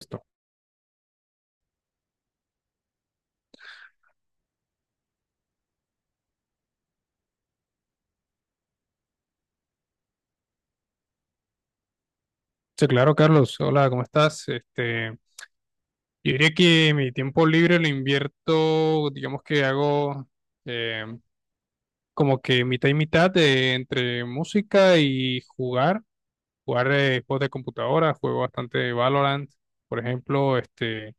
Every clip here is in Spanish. Esto. Sí, claro, Carlos. Hola, ¿cómo estás? Yo diría que mi tiempo libre lo invierto, digamos que hago eh, como que mitad y mitad de, entre música y jugar juegos de computadora, juego bastante Valorant, por ejemplo,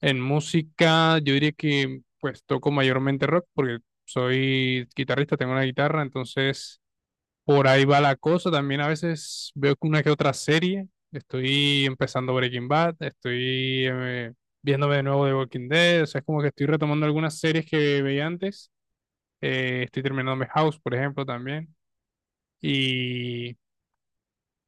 en música yo diría que pues toco mayormente rock porque soy guitarrista, tengo una guitarra, entonces por ahí va la cosa. También a veces veo que una que otra serie. Estoy empezando Breaking Bad, estoy viéndome de nuevo The Walking Dead. O sea, es como que estoy retomando algunas series que veía antes. Estoy terminándome House, por ejemplo, también. Y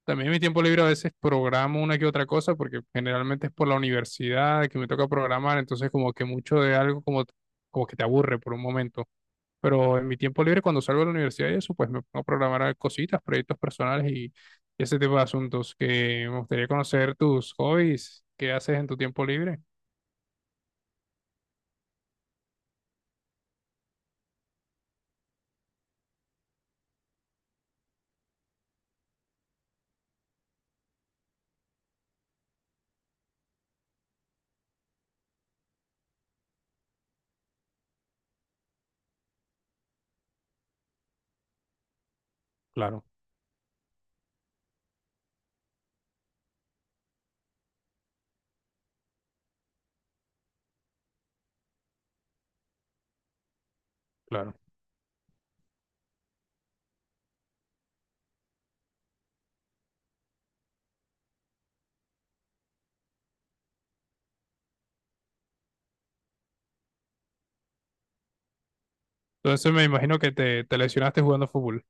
también en mi tiempo libre a veces programo una que otra cosa, porque generalmente es por la universidad que me toca programar. Entonces, como que mucho de algo como, como que te aburre por un momento. Pero en mi tiempo libre, cuando salgo de la universidad y eso, pues me pongo a programar cositas, proyectos personales y ese tipo de asuntos que me gustaría conocer tus hobbies, qué haces en tu tiempo libre. Claro, claro. Entonces me imagino que te lesionaste jugando fútbol.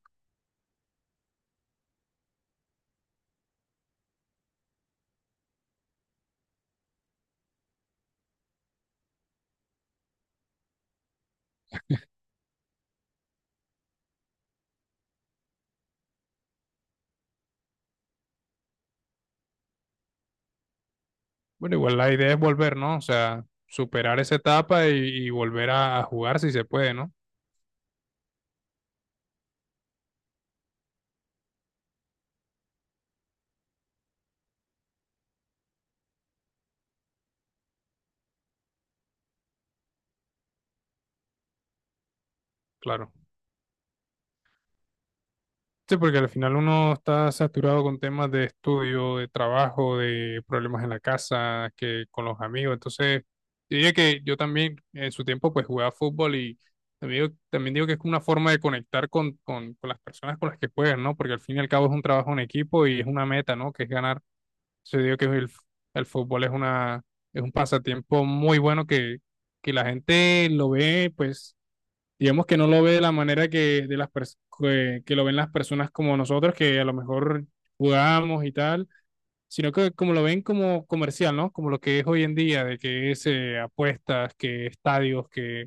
Bueno, igual la idea es volver, ¿no? O sea, superar esa etapa y volver a jugar si se puede, ¿no? Claro. Sí, porque al final uno está saturado con temas de estudio, de trabajo, de problemas en la casa, que con los amigos. Entonces, yo diría que yo también en su tiempo pues jugaba fútbol y también digo que es como una forma de conectar con las personas con las que juegas, ¿no? Porque al fin y al cabo es un trabajo en equipo y es una meta, ¿no? Que es ganar. Entonces, digo que el fútbol es una, es un pasatiempo muy bueno que la gente lo ve pues digamos que no lo ve de la manera que, que lo ven las personas como nosotros, que a lo mejor jugamos y tal, sino que como lo ven como comercial, ¿no? Como lo que es hoy en día, de que es apuestas, que estadios, que...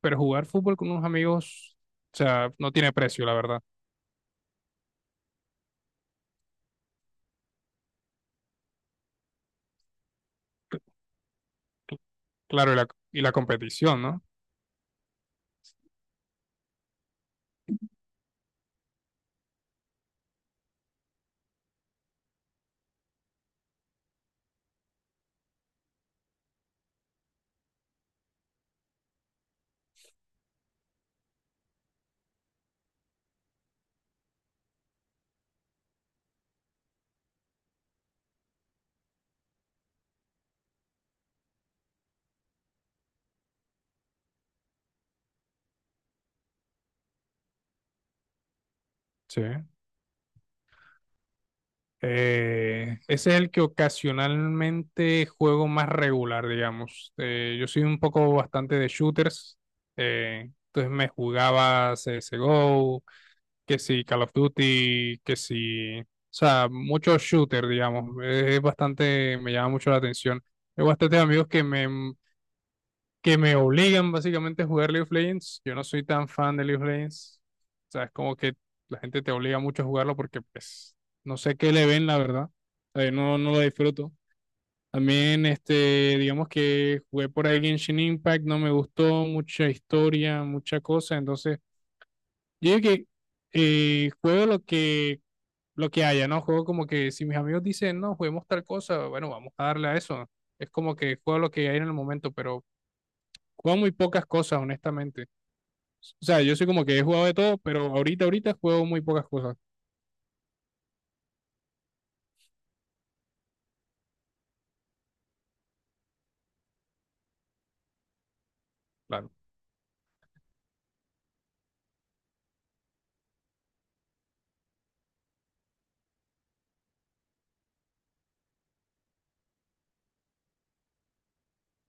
Pero jugar fútbol con unos amigos, o sea, no tiene precio, la verdad. Cl- Claro, y la competición, ¿no? Sí. Ese es el que ocasionalmente juego más regular, digamos. Yo soy un poco bastante de shooters, entonces me jugaba CSGO, que si Call of Duty, que si... O sea, muchos shooters, digamos. Es bastante, me llama mucho la atención. Tengo bastantes amigos que me obligan básicamente a jugar League of Legends. Yo no soy tan fan de League of Legends. O sea, es como que la gente te obliga mucho a jugarlo porque pues no sé qué le ven, la verdad. O sea, yo no, no lo disfruto. También, digamos que jugué por ahí Genshin Impact, no me gustó, mucha historia, mucha cosa. Entonces, yo digo que juego lo que haya, ¿no? Juego como que si mis amigos dicen, no, juguemos tal cosa, bueno, vamos a darle a eso. Es como que juego lo que hay en el momento, pero juego muy pocas cosas, honestamente. O sea, yo soy como que he jugado de todo, pero ahorita juego muy pocas cosas. Claro.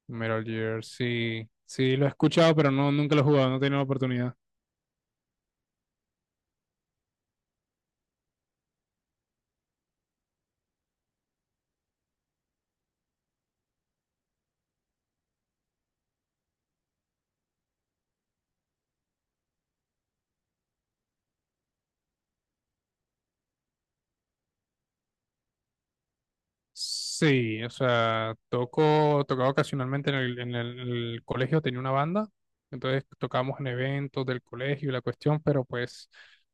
Metal Gear, sí. Sí, lo he escuchado, pero no, nunca lo he jugado, no he tenido la oportunidad. Sí, o sea, toco, tocaba ocasionalmente en el colegio, tenía una banda, entonces tocábamos en eventos del colegio y la cuestión, pero pues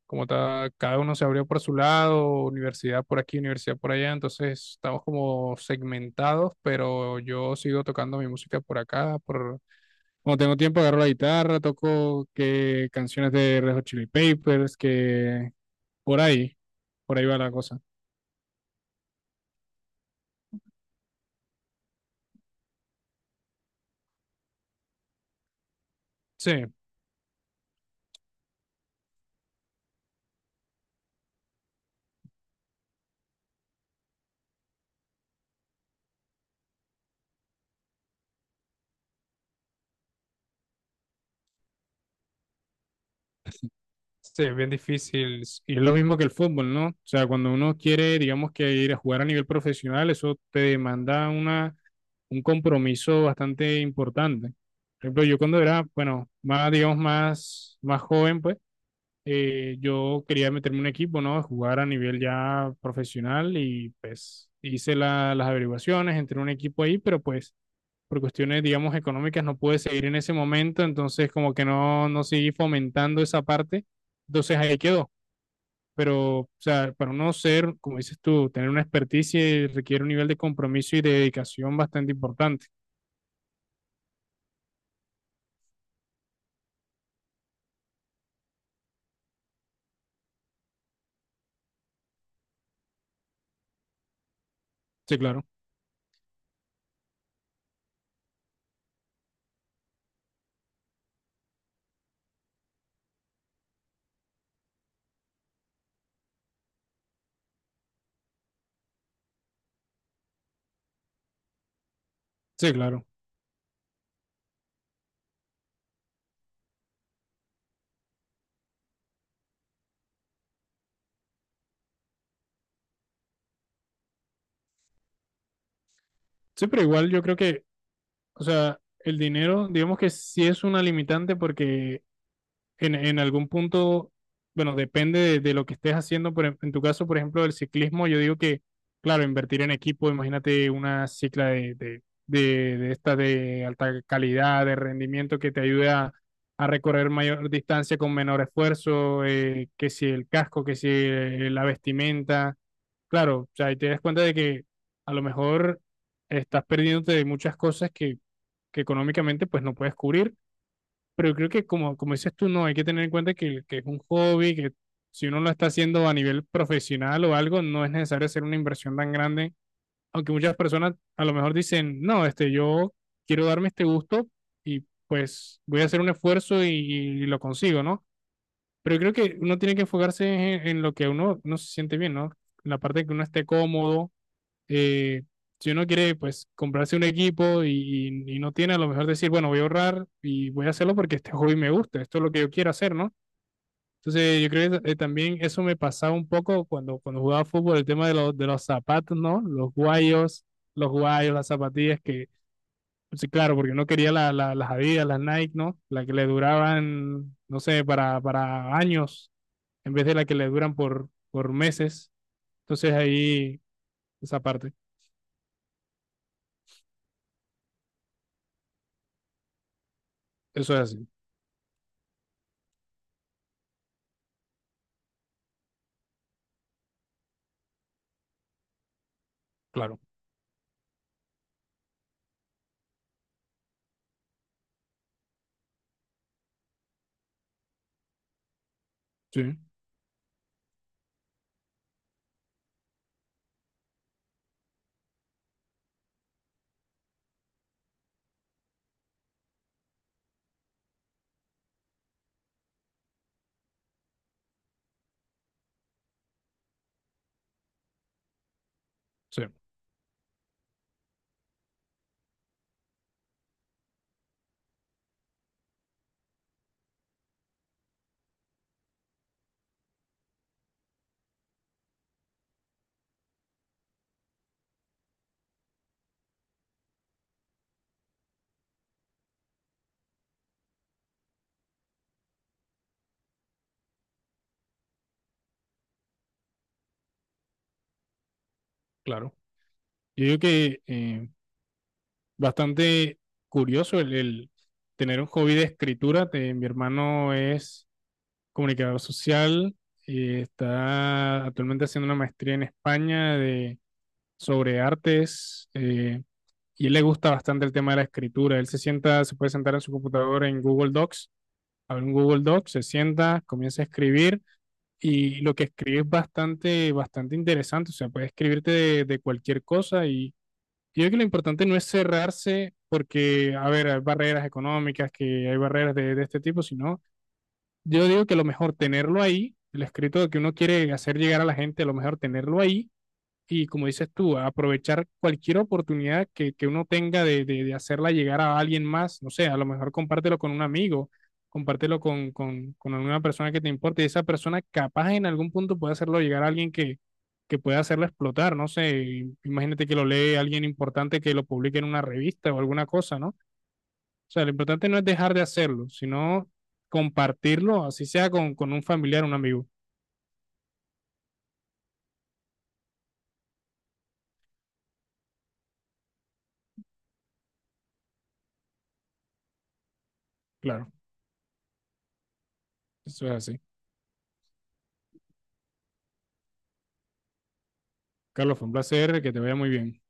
como cada uno se abrió por su lado, universidad por aquí, universidad por allá, entonces estamos como segmentados, pero yo sigo tocando mi música por acá, por... Cuando tengo tiempo agarro la guitarra, toco que canciones de Red Hot Chili Papers, que por ahí, por ahí va la cosa. Sí. Sí, es bien difícil. Y es lo mismo que el fútbol, ¿no? O sea, cuando uno quiere, digamos que ir a jugar a nivel profesional, eso te demanda una, un compromiso bastante importante. Por ejemplo, yo cuando era, bueno, más, digamos, más, más joven, pues yo quería meterme en un equipo, ¿no? A jugar a nivel ya profesional y pues las averiguaciones, entré en un equipo ahí, pero pues por cuestiones, digamos, económicas no pude seguir en ese momento, entonces como que no seguí fomentando esa parte, entonces ahí quedó. Pero, o sea, para uno ser, como dices tú, tener una experticia requiere un nivel de compromiso y de dedicación bastante importante. Sí, claro, sí, claro. Sí, pero igual yo creo que, o sea, el dinero, digamos que sí es una limitante porque en algún punto, bueno, depende de lo que estés haciendo, pero en tu caso, por ejemplo, del ciclismo, yo digo que, claro, invertir en equipo, imagínate una cicla de esta de alta calidad, de rendimiento que te ayude a recorrer mayor distancia con menor esfuerzo, que si el casco, que si la vestimenta, claro, o sea, ahí te das cuenta de que a lo mejor estás perdiéndote de muchas cosas que económicamente pues no puedes cubrir, pero yo creo que como, como dices tú, no, hay que tener en cuenta que es un hobby, que si uno lo está haciendo a nivel profesional o algo, no es necesario hacer una inversión tan grande, aunque muchas personas a lo mejor dicen, no, este, yo quiero darme este gusto y pues voy a hacer un esfuerzo y lo consigo, ¿no? Pero yo creo que uno tiene que enfocarse en lo que uno, uno se siente bien, ¿no? La parte que uno esté cómodo, eh, si uno quiere pues comprarse un equipo y no tiene, a lo mejor decir, bueno, voy a ahorrar y voy a hacerlo porque este hobby me gusta, esto es lo que yo quiero hacer, ¿no? Entonces yo creo que también eso me pasaba un poco cuando, cuando jugaba fútbol, el tema de los zapatos, ¿no? Los guayos, las zapatillas que, pues, sí, claro, porque no quería las Adidas, las Nike, ¿no? Las que le duraban, no sé, para años, en vez de las que le duran por meses. Entonces ahí, esa parte, eso es así, claro. Sí. Sí, claro. Yo digo que bastante curioso el tener un hobby de escritura. Mi hermano es comunicador social y está actualmente haciendo una maestría en España de, sobre artes y él le gusta bastante el tema de la escritura. Él se sienta, se puede sentar en su computadora en Google Docs, abre un Google Docs, se sienta, comienza a escribir y lo que escribe es bastante, bastante interesante. O sea, puede escribirte de cualquier cosa y yo creo que lo importante no es cerrarse porque, a ver, hay barreras económicas, que hay barreras de este tipo, sino yo digo que lo mejor tenerlo ahí, el escrito que uno quiere hacer llegar a la gente, lo mejor tenerlo ahí y como dices tú, aprovechar cualquier oportunidad que uno tenga de hacerla llegar a alguien más, no sé, a lo mejor compártelo con un amigo, compártelo con alguna persona que te importe y esa persona capaz en algún punto puede hacerlo llegar a alguien que pueda hacerlo explotar, no sé, imagínate que lo lee alguien importante que lo publique en una revista o alguna cosa, ¿no? O sea, lo importante no es dejar de hacerlo, sino compartirlo, así sea con, un familiar, un amigo, claro, eso es así. Carlos, fue un placer, que te vaya muy bien.